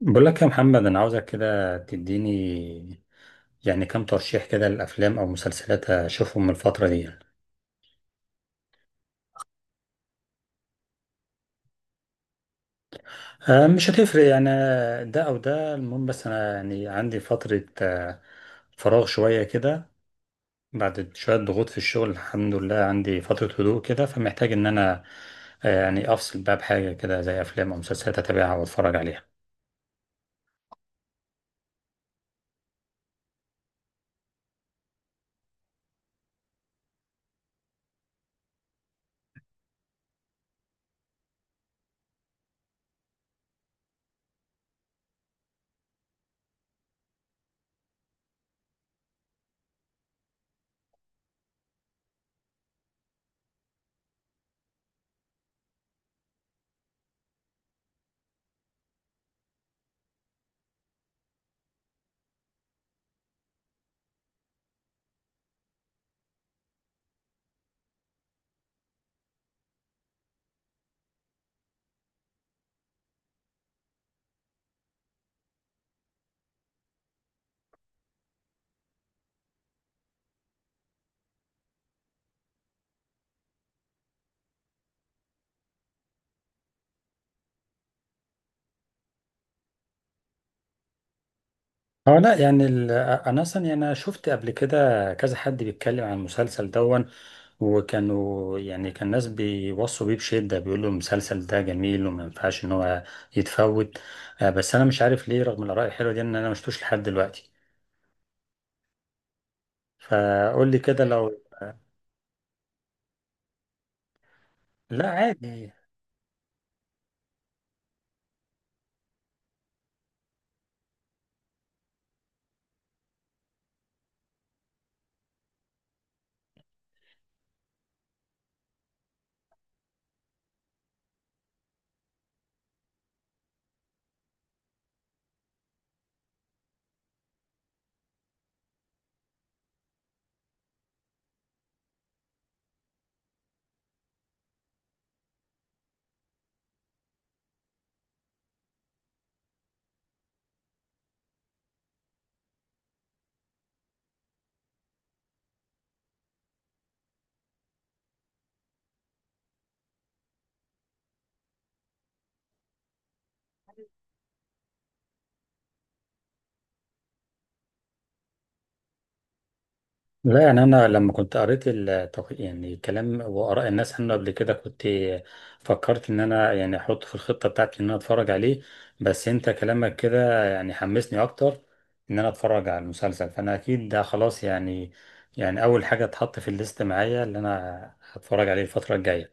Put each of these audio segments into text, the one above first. بقول لك يا محمد، انا عاوزك كده تديني يعني كام ترشيح كده للافلام او مسلسلات اشوفهم من الفتره دي يعني. مش هتفرق يعني، ده او ده المهم، بس انا يعني عندي فتره فراغ شويه كده بعد شويه ضغوط في الشغل. الحمد لله عندي فتره هدوء كده، فمحتاج ان انا يعني افصل بقى بحاجه كده زي افلام او مسلسلات اتابعها واتفرج عليها. اه لا، يعني انا اصلا يعني انا شفت قبل كده كذا حد بيتكلم عن المسلسل دون، وكانوا يعني كان ناس بيوصوا بيه بشده، بيقولوا المسلسل ده جميل وما ينفعش ان هو يتفوت. بس انا مش عارف ليه رغم الاراء الحلوه دي ان انا ما شفتوش لحد دلوقتي. فقول لي كده لو. لا عادي. لا، يعني أنا لما كنت قريت يعني كلام وآراء الناس عنه قبل كده، كنت فكرت إن أنا يعني أحطه في الخطة بتاعتي إن أنا أتفرج عليه. بس أنت كلامك كده يعني حمسني أكتر إن أنا أتفرج على المسلسل، فأنا أكيد ده خلاص، يعني يعني أول حاجة اتحط في الليست معايا اللي أنا هتفرج عليه الفترة الجاية.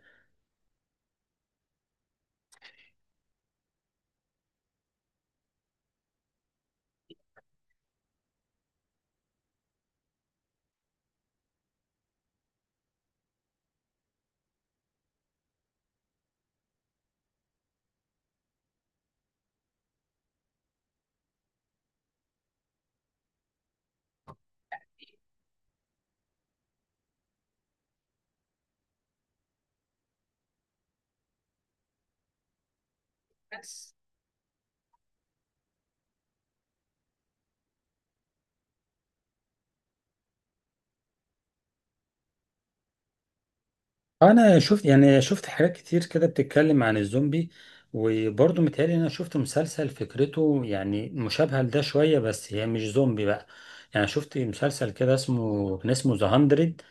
انا شفت يعني شفت حاجات كتير كده بتتكلم عن الزومبي، وبرضه متهيألي إن انا شفت مسلسل فكرته يعني مشابهة لده شوية، بس هي مش زومبي بقى. يعني شفت مسلسل كده اسمه كان اسمه ذا 100.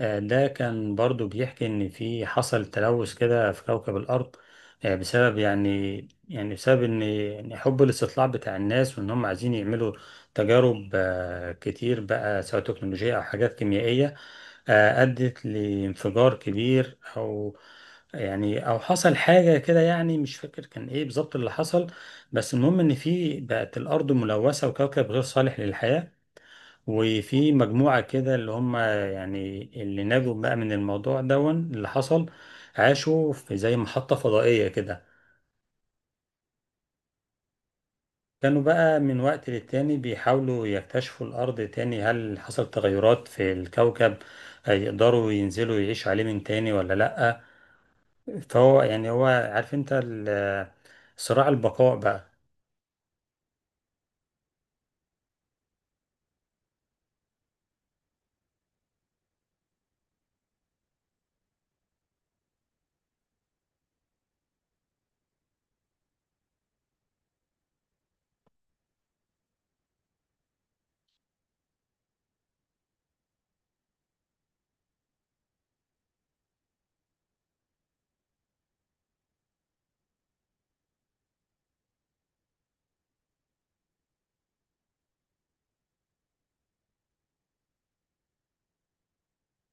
ده كان برضو بيحكي إن في حصل تلوث كده في كوكب الأرض، بسبب يعني بسبب إن حب الاستطلاع بتاع الناس، وإن هم عايزين يعملوا تجارب كتير بقى، سواء تكنولوجية أو حاجات كيميائية، أدت لانفجار كبير أو يعني أو حصل حاجة كده. يعني مش فاكر كان إيه بالظبط اللي حصل، بس المهم إن في بقت الأرض ملوثة وكوكب غير صالح للحياة. وفي مجموعة كده اللي هم يعني اللي نجوا بقى من الموضوع دون اللي حصل، عاشوا في زي محطة فضائية كده. كانوا بقى من وقت للتاني بيحاولوا يكتشفوا الأرض تاني، هل حصل تغيرات في الكوكب، هيقدروا ينزلوا يعيشوا عليه من تاني ولا لأ. فهو يعني هو عارف انت صراع البقاء بقى.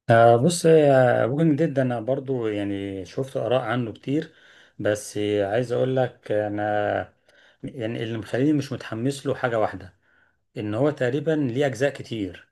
بص يا ووكينج ديد، انا برضو يعني شفت اراء عنه كتير، بس عايز اقول لك انا يعني اللي مخليني مش متحمس له حاجة واحدة، ان هو تقريبا ليه اجزاء كتير.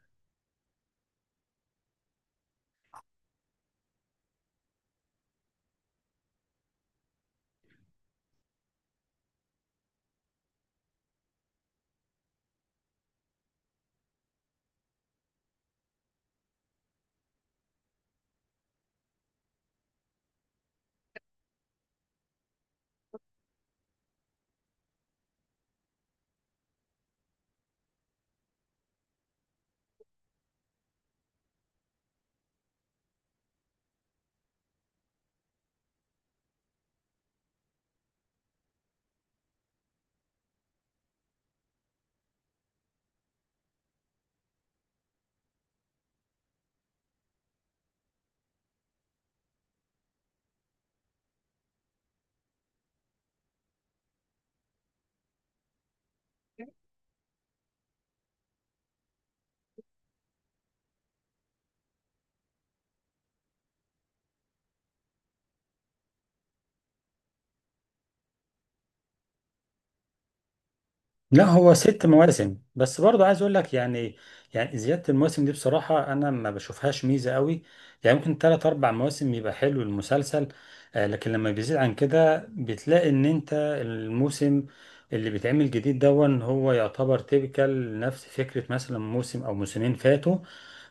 لا هو ست مواسم، بس برضه عايز اقول لك يعني يعني زيادة المواسم دي بصراحة انا ما بشوفهاش ميزة قوي. يعني ممكن تلات اربع مواسم يبقى حلو المسلسل، لكن لما بيزيد عن كده بتلاقي ان انت الموسم اللي بيتعمل جديد دون هو يعتبر تيبيكال نفس فكرة مثلا موسم او موسمين فاتوا،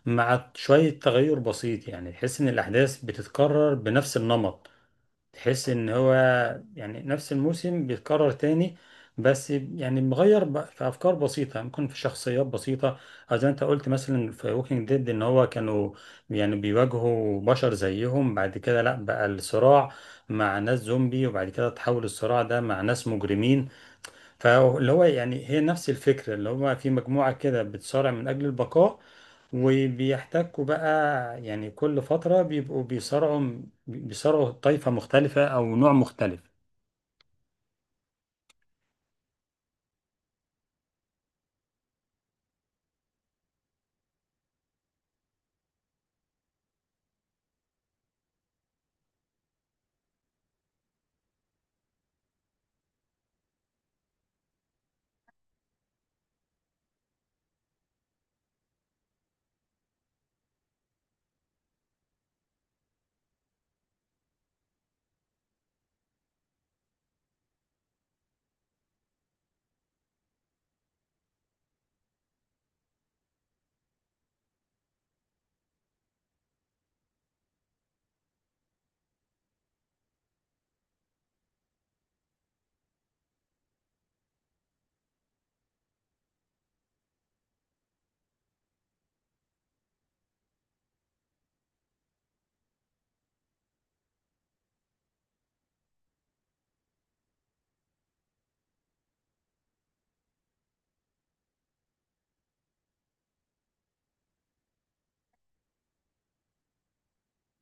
مع شوية تغير بسيط. يعني تحس ان الاحداث بتتكرر بنفس النمط، تحس ان هو يعني نفس الموسم بيتكرر تاني، بس يعني مغير في افكار بسيطه، ممكن في شخصيات بسيطه، او زي ما انت قلت مثلا في ووكينج ديد ان هو كانوا يعني بيواجهوا بشر زيهم، بعد كده لا بقى الصراع مع ناس زومبي، وبعد كده تحول الصراع ده مع ناس مجرمين. فاللي هو يعني هي نفس الفكرة، اللي هو في مجموعة كده بتصارع من أجل البقاء، وبيحتكوا بقى يعني كل فترة بيبقوا بيصارعوا طائفة مختلفة أو نوع مختلف.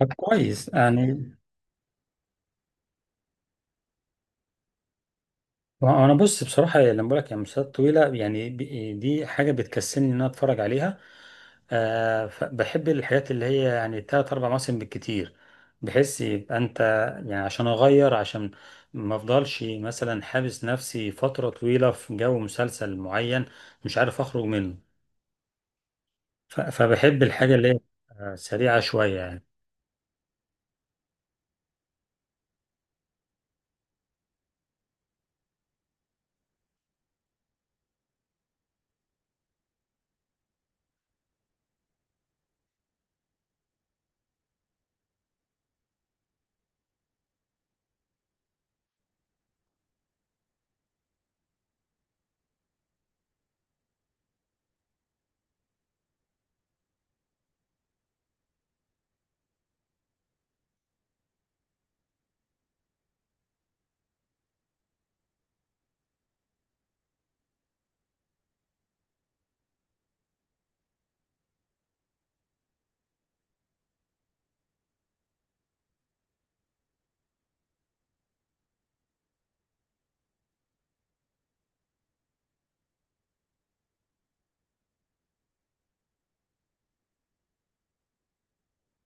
طب كويس يعني. وأنا بص بصراحة لما بقولك يعني مسلسلات طويلة، يعني دي حاجة بتكسلني إن أنا أتفرج عليها، بحب الحاجات اللي هي يعني تلات أربع مواسم بالكتير، بحيث يبقى أنت يعني عشان أغير، عشان ما أفضلش مثلا حابس نفسي فترة طويلة في جو مسلسل معين مش عارف أخرج منه. فبحب الحاجة اللي هي سريعة شوية يعني.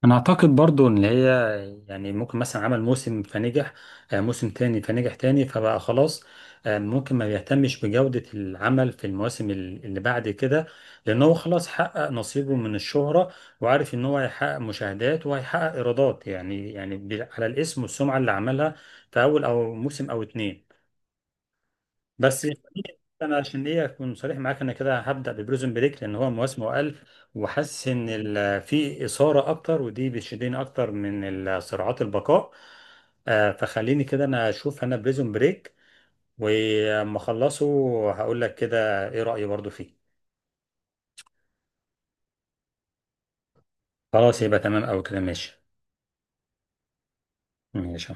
انا اعتقد برضو ان هي يعني ممكن مثلا عمل موسم فنجح، موسم تاني فنجح تاني، فبقى خلاص. ممكن ما بيهتمش بجودة العمل في المواسم اللي بعد كده، لان هو خلاص حقق نصيبه من الشهرة، وعارف ان هو هيحقق مشاهدات وهيحقق ايرادات. يعني يعني على الاسم والسمعة اللي عملها في اول او موسم او اتنين. بس انا عشان ليه اكون صريح معاك، انا كده هبدا ببريزون بريك لان هو مواسمه اقل، وحاسس ان في اثاره اكتر، ودي بتشدني اكتر من صراعات البقاء. فخليني كده انا اشوف انا بريزون بريك، ولما اخلصه هقول لك كده ايه رايي برضو فيه. خلاص، يبقى تمام، او كده ماشي. ماشي.